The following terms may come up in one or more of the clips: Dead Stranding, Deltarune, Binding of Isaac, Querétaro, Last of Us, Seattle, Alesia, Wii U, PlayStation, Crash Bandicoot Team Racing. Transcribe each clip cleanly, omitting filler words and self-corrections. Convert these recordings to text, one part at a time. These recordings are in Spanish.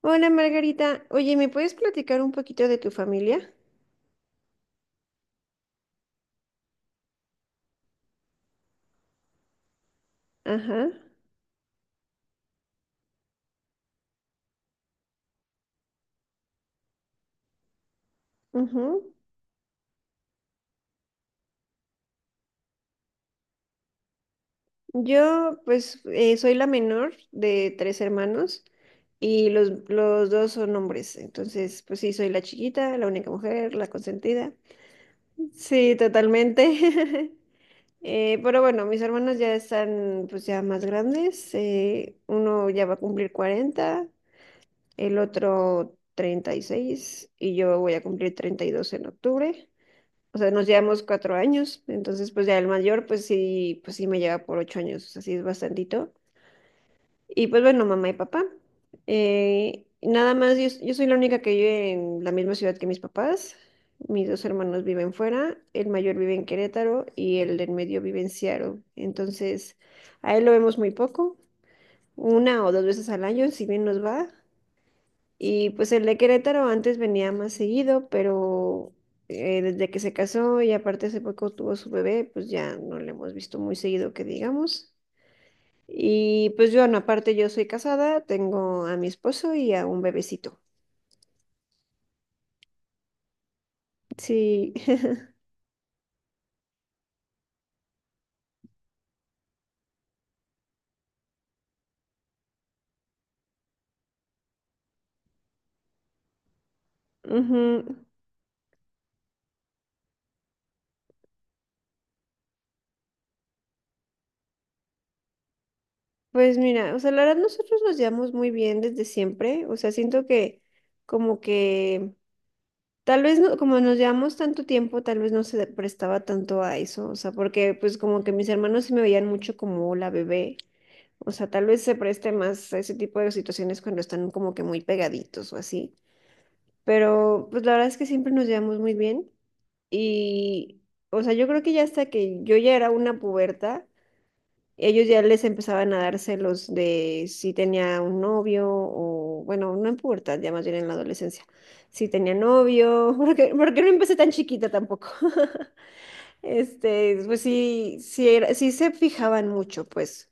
Hola Margarita, oye, ¿me puedes platicar un poquito de tu familia? Ajá, ujú. Yo pues soy la menor de tres hermanos y los dos son hombres, entonces pues sí, soy la chiquita, la única mujer, la consentida. Sí, totalmente. Pero bueno, mis hermanos ya están pues ya más grandes, uno ya va a cumplir 40, el otro 36 y yo voy a cumplir 32 en octubre. O sea, nos llevamos 4 años, entonces pues ya el mayor pues sí me lleva por 8 años, o sea, sí es bastantito. Y pues bueno, mamá y papá. Nada más, yo soy la única que vive en la misma ciudad que mis papás. Mis dos hermanos viven fuera, el mayor vive en Querétaro y el del medio vive en Seattle. Entonces, a él lo vemos muy poco, una o dos veces al año, si bien nos va. Y pues el de Querétaro antes venía más seguido, pero desde que se casó y aparte hace poco tuvo su bebé, pues ya no le hemos visto muy seguido que digamos. Y pues yo, no, aparte yo soy casada, tengo a mi esposo y a un bebecito. Sí. Ujú. Pues mira, o sea, la verdad nosotros nos llevamos muy bien desde siempre, o sea, siento que como que Tal vez no- como nos llevamos tanto tiempo, tal vez no se prestaba tanto a eso, o sea, porque pues como que mis hermanos sí me veían mucho como la bebé, o sea, tal vez se preste más a ese tipo de situaciones cuando están como que muy pegaditos o así, pero pues la verdad es que siempre nos llevamos muy bien y, o sea, yo creo que ya hasta que yo ya era una puberta, ellos ya les empezaban a dar celos de si tenía un novio o, bueno, no en pubertad, ya más bien en la adolescencia, si tenía novio, porque no empecé tan chiquita tampoco. Pues sí, sí, sí se fijaban mucho, pues.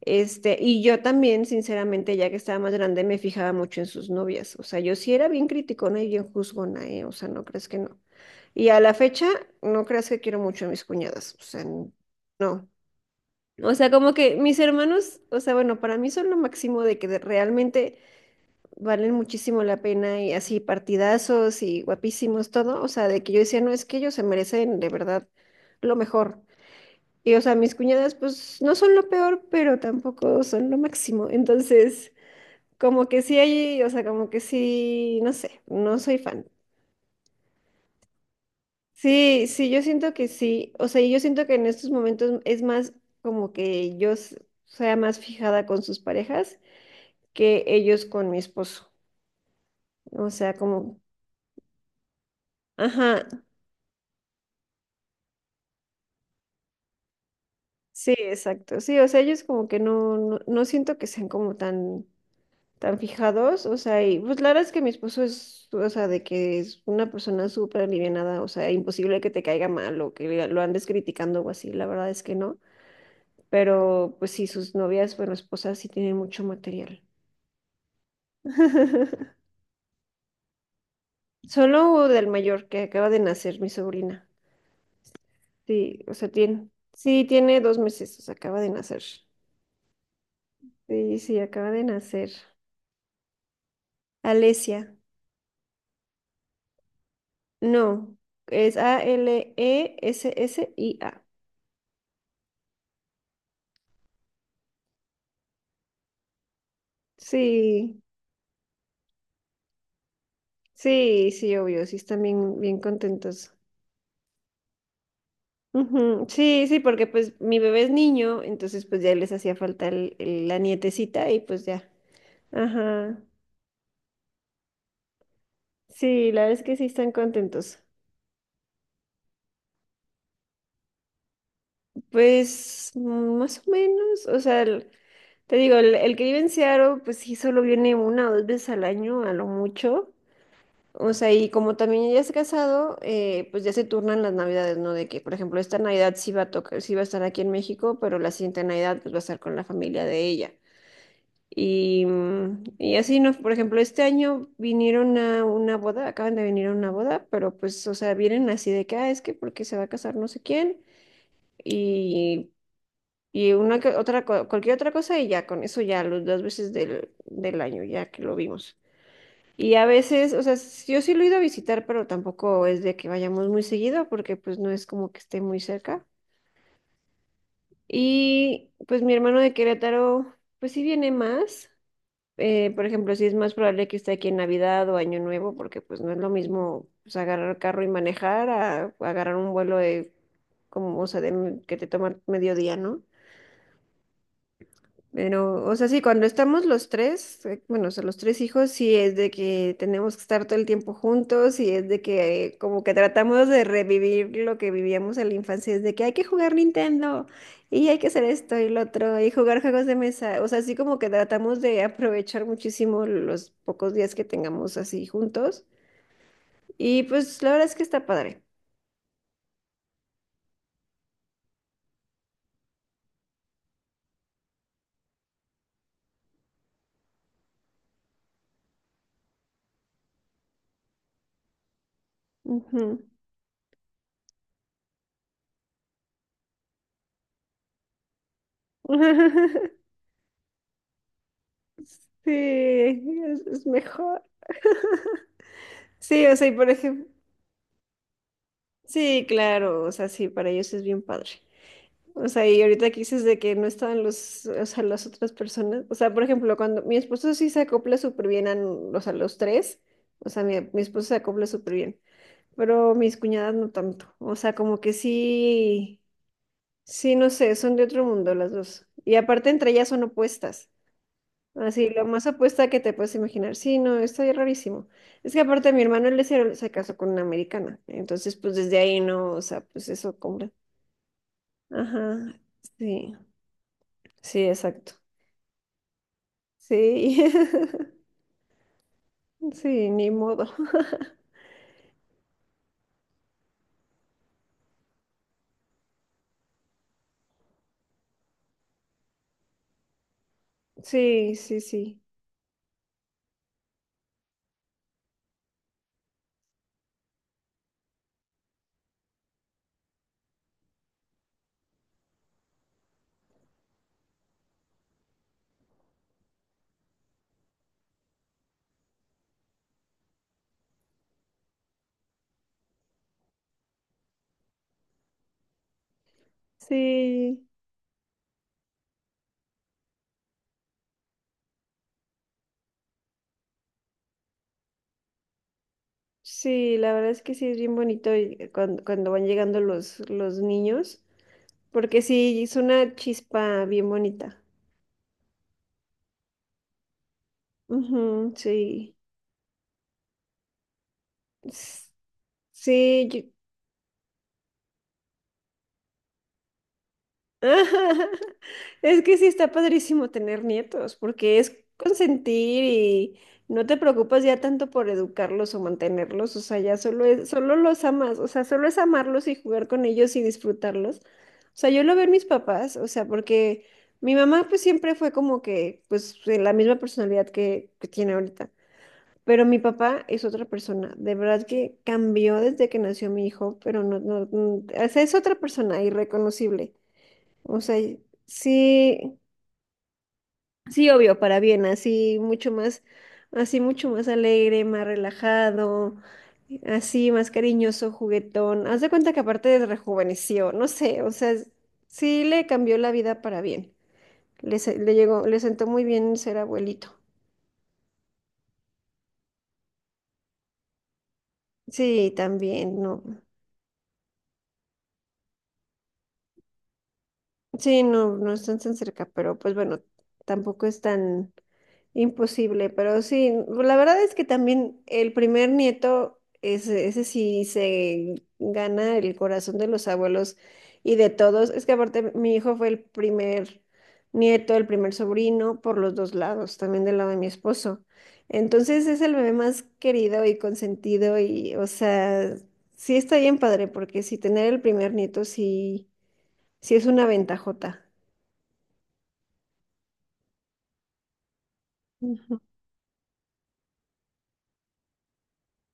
Y yo también, sinceramente, ya que estaba más grande, me fijaba mucho en sus novias. O sea, yo sí era bien criticona y bien juzgona, ¿eh? O sea, no crees que no. Y a la fecha, no creas que quiero mucho a mis cuñadas. O sea, no. O sea, como que mis hermanos, o sea, bueno, para mí son lo máximo de que realmente valen muchísimo la pena y así partidazos y guapísimos todo, o sea, de que yo decía, no, es que ellos se merecen de verdad lo mejor. Y o sea, mis cuñadas pues no son lo peor, pero tampoco son lo máximo. Entonces, como que sí hay, o sea, como que sí, no sé, no soy fan. Sí, sí, yo siento que sí, o sea, y yo siento que en estos momentos es más como que yo sea más fijada con sus parejas que ellos con mi esposo. O sea, como, ajá, sí, exacto. Sí, o sea, ellos como que no siento que sean como tan fijados. O sea, y pues la verdad es que mi esposo es, o sea, de que es una persona súper alivianada, o sea, imposible que te caiga mal o que lo andes criticando o así, la verdad es que no. Pero pues sí, sus novias, bueno, esposas sí tienen mucho material. Solo del mayor que acaba de nacer, mi sobrina. Sí, o sea, tiene, sí, tiene 2 meses, o sea, acaba de nacer. Sí, sí, acaba de nacer. Alesia. No, es Alessia. Sí, sí, sí, obvio, sí están bien, bien contentos. Ujú, sí, sí, porque pues mi bebé es niño, entonces pues ya les hacía falta la nietecita y pues ya. Ajá. Sí, la verdad es que sí están contentos. Pues mm, más o menos, o sea, te digo, el que vive en Seattle, pues sí, solo viene una o dos veces al año, a lo mucho. O sea, y como también ya es casado, pues ya se turnan las navidades, ¿no? De que, por ejemplo, esta Navidad sí va a tocar, sí va a estar aquí en México, pero la siguiente Navidad pues va a estar con la familia de ella. Y así, ¿no? Por ejemplo, este año vinieron a una boda, acaban de venir a una boda, pero pues, o sea, vienen así de que, ah, es que porque se va a casar no sé quién, y, y una otra, cualquier otra cosa, y ya con eso ya, las dos veces del año, ya que lo vimos. Y a veces, o sea, yo sí lo he ido a visitar, pero tampoco es de que vayamos muy seguido, porque pues no es como que esté muy cerca. Y pues mi hermano de Querétaro, pues sí viene más. Por ejemplo, sí es más probable que esté aquí en Navidad o Año Nuevo, porque pues no es lo mismo pues, agarrar carro y manejar a agarrar un vuelo de, como, o sea, de, que te toma mediodía, ¿no? Pero, o sea, sí, cuando estamos los tres, bueno, o sea, los tres hijos, sí es de que tenemos que estar todo el tiempo juntos y es de que como que tratamos de revivir lo que vivíamos en la infancia, es de que hay que jugar Nintendo y hay que hacer esto y lo otro y jugar juegos de mesa, o sea, así como que tratamos de aprovechar muchísimo los pocos días que tengamos así juntos y pues la verdad es que está padre. Ujú. Sí, es mejor. Sí, o sea, y por ejemplo, sí, claro, o sea, sí, para ellos es bien padre. O sea, y ahorita que dices de que no estaban los, o sea, las otras personas, o sea, por ejemplo, cuando mi esposo sí se acopla súper bien a, o sea, los tres, o sea, mi esposo se acopla súper bien, pero mis cuñadas no tanto, o sea, como que sí, sí, no sé, son de otro mundo las dos. Y aparte entre ellas son opuestas, así, lo más opuesta que te puedes imaginar, sí, no, está bien rarísimo. Es que aparte mi hermano él se casó con una americana, entonces pues desde ahí no, o sea, pues eso como ajá, sí, sí, exacto. Sí, sí, ni modo. Sí, sí, sí. Sí, sí, la verdad es que sí es bien bonito y cuando van llegando los niños, porque sí, es una chispa bien bonita. Ujú, sí. S- Sí, Ajá. Es que sí está padrísimo tener nietos, porque es consentir y no te preocupas ya tanto por educarlos o mantenerlos, o sea, ya solo es, solo los amas, o sea, solo es amarlos y jugar con ellos y disfrutarlos. O sea, yo lo veo en mis papás, o sea, porque mi mamá pues siempre fue como que, pues, de la misma personalidad que tiene ahorita. Pero mi papá es otra persona, de verdad que cambió desde que nació mi hijo, pero no, no, o sea, es otra persona irreconocible. O sea, sí, sí, obvio, para bien, así mucho más alegre, más relajado, así más cariñoso, juguetón. Haz de cuenta que aparte rejuveneció, no sé, o sea, sí le cambió la vida para bien. Le llegó, le sentó muy bien ser abuelito. Sí, también, no. Sí, no, no están tan cerca, pero pues bueno, tampoco es tan. Imposible, pero sí, la verdad es que también el primer nieto, ese sí se gana el corazón de los abuelos y de todos. Es que aparte mi hijo fue el primer nieto, el primer sobrino por los dos lados, también del lado de mi esposo. Entonces es el bebé más querido y consentido y, o sea, sí está bien padre porque si tener el primer nieto sí, sí es una ventajota. Ujú.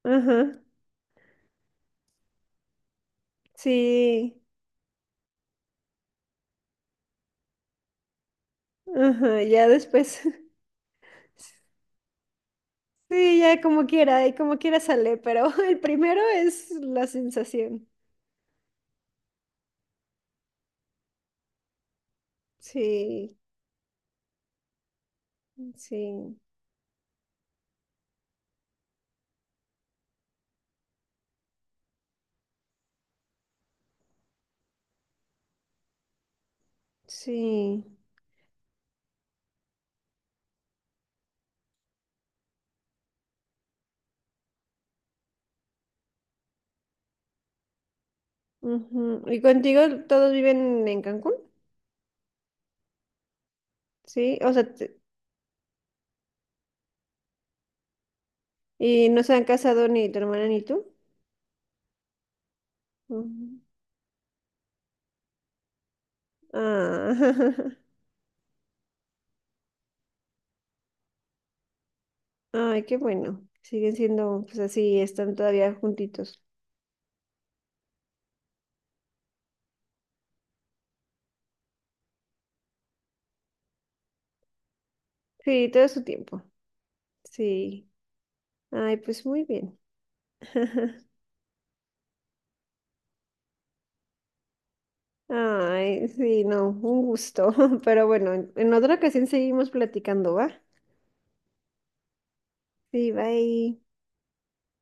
Ajá, sí, ajá, ya después. Sí, ya como quiera, y como quiera sale, pero el primero es la sensación. Sí, sí, sí. Ujú. ¿Y contigo todos viven en Cancún? Sí, o sea, y no se han casado ni tu hermana ni tú. Ujú. Ah, ay, qué bueno. Siguen siendo, pues así, están todavía juntitos. Sí, todo su tiempo. Sí. Ay, pues muy bien. Ay, sí, no, un gusto. Pero bueno, en otra ocasión seguimos platicando, ¿va? Sí, bye.